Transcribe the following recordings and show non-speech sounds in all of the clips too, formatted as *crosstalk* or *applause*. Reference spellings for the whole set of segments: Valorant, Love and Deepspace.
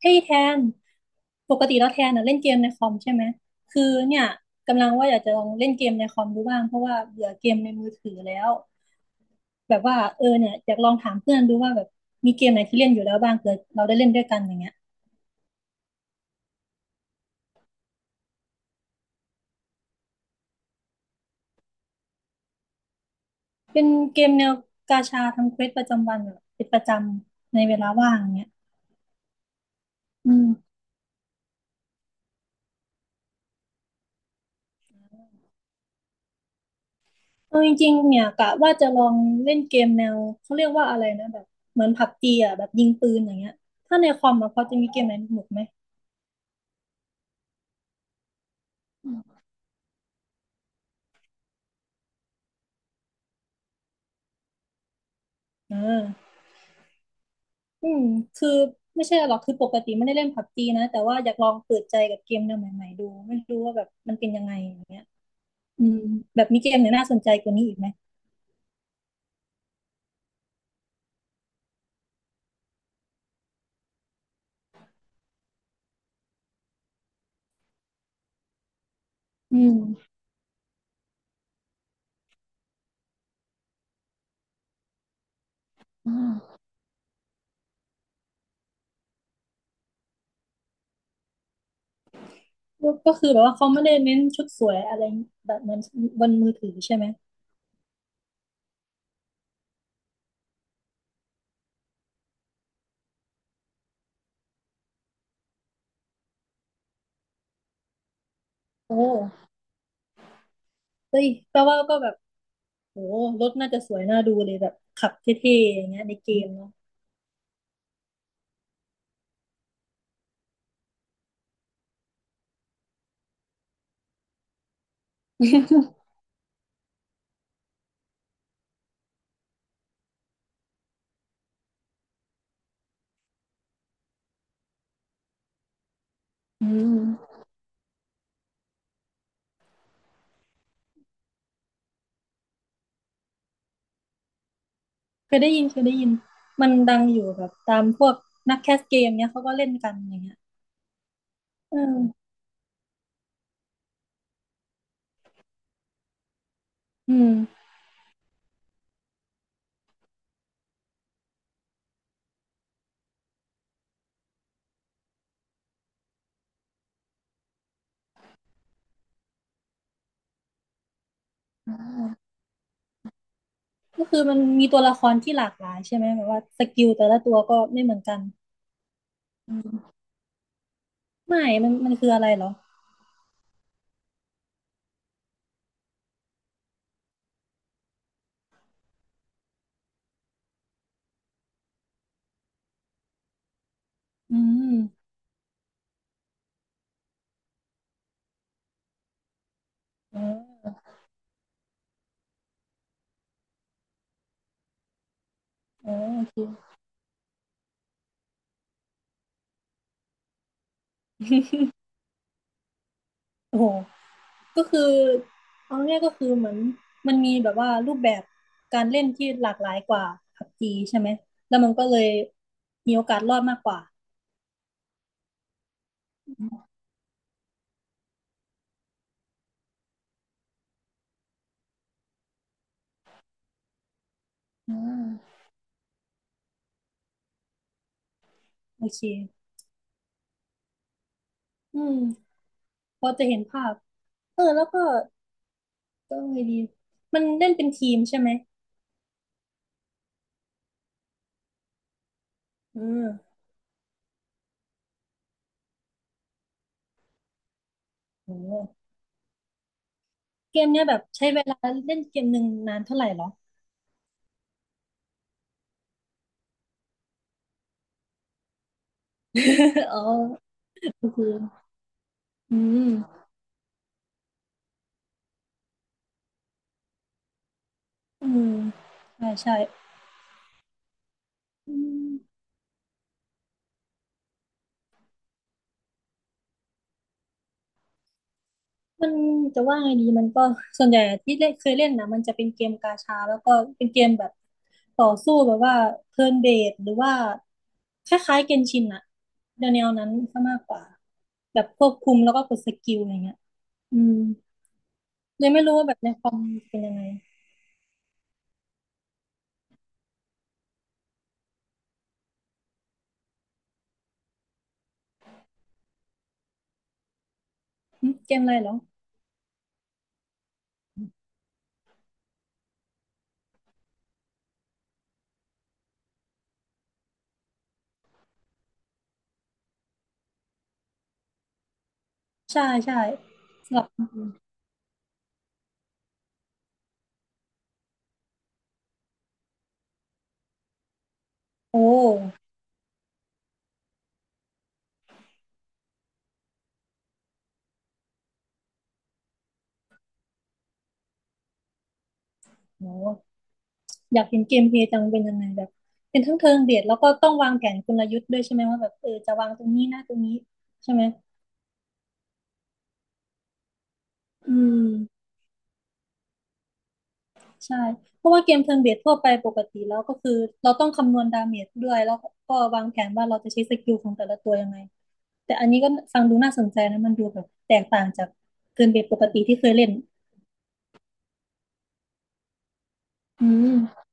เฮ้ยแทนปกติแล้วแทนน่ะเล่นเกมในคอมใช่ไหมคือเนี่ยกำลังว่าอยากจะลองเล่นเกมในคอมดูบ้างเพราะว่าเบื่อเกมในมือถือแล้วแบบว่าเนี่ยอยากลองถามเพื่อนดูว่าแบบมีเกมไหนที่เล่นอยู่แล้วบ้างเผื่อเราได้เล่นด้วยกันอย่างเงี้ยเป็นเกมแนวกาชาทำเควสประจำวันแบบเป็นประจำในเวลาว่างอย่างเงี้ยอืมเอาจริงๆเนี่ยกะว่าจะลองเล่นเกมแนวเขาเรียกว่าอะไรนะแบบเหมือนผับจีอ่ะแบบยิงปืนอย่างเงี้ยถ้าในคอมอ่ะพอจะมีเกมไหนสนุกไหมอืมเออ อืมคือไม่ใช่หรอกคือปกติไม่ได้เล่นพับจีนะแต่ว่าอยากลองเปิดใจกับเกมแนวใหม่ๆดู ไม่รู้ว่าแบบมันเป็นยังไงอย่างเงี้ยอืมแบบมีเกมไหนน่าสนใจกว่านี้อีกไหมอืมอ่าก็คือแบบว่าเขาไม่ได้เน้นชุดสวยอะไรแบบเหมือนบนมือถือใช่ไหมโอ้เฮ้ยแปลว่าก็แบบโอ้รถน่าจะสวยน่าดูเลยแบบขับเท่ๆอย่างเงี้ยในเกมเนาะ *laughs* อืมเคยได้ยินเคยได้ยินมันดังอยู่แบบตามพวกนักแคสเกมเนี้ยเขาก็เล่นกันอย่างเงี้ยอืมอืม ก็คือมันมีตัวละครที่หลากหลายใช่ไหมแบบว่าสกิลแต่ละตัวก็ไม่เหมือนกันอืมไม่มันคืออะไรเหรออืมอ๋ออ๋อโอเคโอ้โหก็คือเอาง่ายๆก็คือเหมือนมันมีแบบว่ารูปแบบการเล่นที่หลากหลายกว่าผับจีใช่ไหมแล้วมันก็เลยมีโอกาสรอดมากกว่าอ่าโอเคอืมพอจะเห็นภาพเออแล้วก็ก็ไงดีมันเล่นเป็นทีมใช่ไหมอืมโอ้ เกมเนี่ยแบบใช้เวลาเล่นเกมหนึ่งนานเท่าไหร่เหรอ *laughs* อ๋อก็คืออืมอืมใช่ใช่อืมมันจะว่าไงดีมันก็ส่วนใหญ่ที่เล่นเคยเล่นนะมันจะเป็นเกมกาชาแล้วก็เป็นเกมแบบต่อสู้แบบว่าเทิร์นเบสหรือว่าคล้ายๆเกนชินอะแนวๆนั้นซะมากกว่าแบบควบคุมแล้วก็กดสกิลอะไรเงี้ยอืมเลยไม่รู้ว่าแบบในคอมเป็นยังไงหึเกมอะไรเหรอใช่ใช่สำหรับโอ้ โอ้อยากเห็นเกมเพลย์จังเป็นยังไงแบบเป็นทั้งเทิงเบียดแล้วก็ต้องวางแผนกลยุทธ์ด้วยใช่ไหมว่าแบบเออจะวางตรงนี้นะตรงนี้ใช่ไหมอืมใช่เพราะว่าเกมเทิร์นเบสทั่วไปปกติแล้วก็คือเราต้องคำนวณดาเมจด้วยแล้วก็วางแผนว่าเราจะใช้สกิลของแต่ละตัวยังไงแต่อันนี้ก็ฟังดูน่าสนใจนะมันดูแบบแตกต่างจากเทิร์นเบสปกติที่เคยเล่นอืม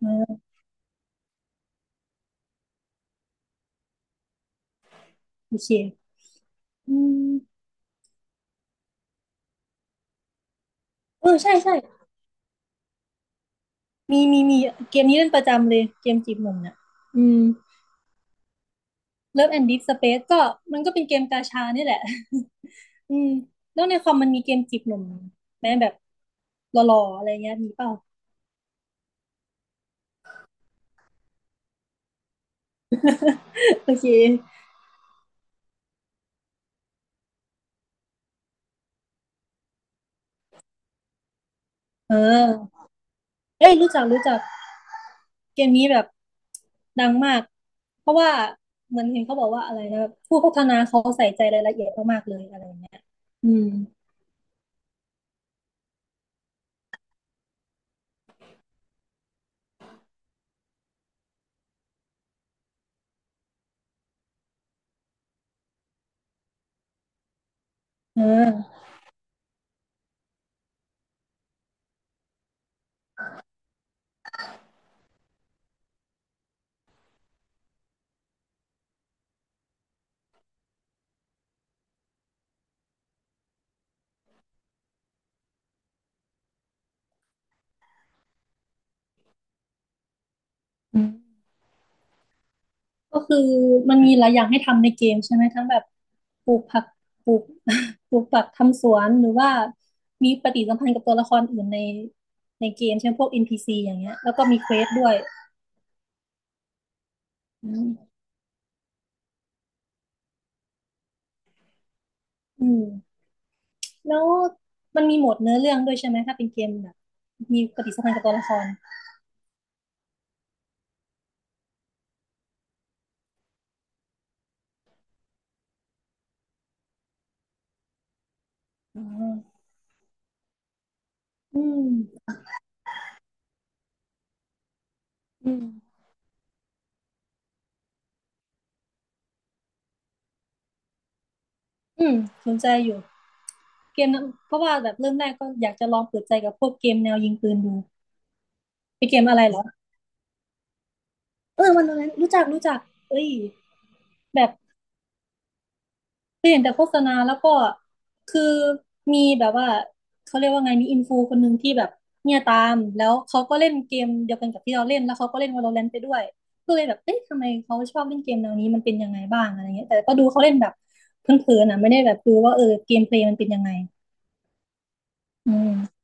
เออโอเคอืมเออใช่ใช่มีเกมนี้เล่นประจำเลยเกมจีบหนุ่มเนี่ยอืม เลิฟแอนด์ดิสเปซก็มันก็เป็นเกมกาชานี่แหละ *laughs* อืมแล้วในคอมมันมีเกมจีบหนุ่มแมมแบบหล่อๆอะไรเงี้ยมีเปล่า *laughs* โอเคเออเอ้ยรู้จักรู้จักเกมนี้แบบดังมากเพราะว่าเหมือนเห็นเขาบอกว่าอะไรนะผู้พัฒนาเขาใส่ใจรายละเอียดมากๆเลยอะไรเงี้ยอืมเอออืม ก็คือมันมีหลายอย่างให้ทำในเกมใช่ไหมทั้งแบบปลูกผักปลูก *laughs* ปลูกผักทำสวนหรือว่ามีปฏิสัมพันธ์กับตัวละครอื่นในเกมเช่นพวก NPC อนพีซีอย่างเงี้ยแล้วก็มีเควสด้วยอืมอืมแล้วมันมีโหมดเนื้อเรื่องด้วยใช่ไหมถ้าเป็นเกมแบบมีปฏิสัมพันธ์กับตัวละครอ๋ออืมอืมอืมสนใจอยู่เกมนะเพราะว่าแบบเริ่มแรกก็อยากจะลองเปิดใจกับพวกเกมแนวยิงปืนดูเป็นเกมอะไรเหรอเออวันนั้นรู้จักรู้จักเอ้ย แบบเคยเห็นแต่โฆษณาแล้วก็คือมีแบบว่าเขาเรียกว่าไงมีอินฟูคนหนึ่งที่แบบเนี่ยตามแล้วเขาก็เล่นเกมเดียวกันกับที่เราเล่นแล้วเขาก็เล่น Valorant ไปด้วยก็เลยแบบเอ๊ะทำไมเขาชอบเล่นเกมแนวนี้มันเป็นยังไงบ้างอะไรเงี้ยแต่ก็ดูเขาเล่นแบบเพ่อนๆนะไม่ได้แบบดูว่าเออเกมเพลย์มันเป็นยังไงอืม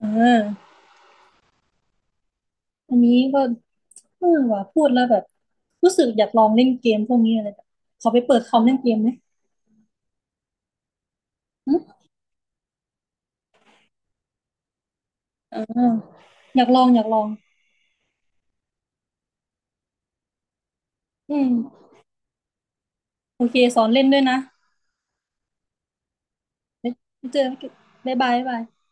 เอออันนี้ก็เออว่าพูดแล้วแบบรู้สึกอยากลองเล่นเกมพวกนี้อะไรแบบขอไปเปิดคอมเล่นเกมไหมอืมเอออยากลองอยากลองอืม โอเคสอนเล่นด้วยนะไว้เจอกันบ๊ายบายบ๊ายบาย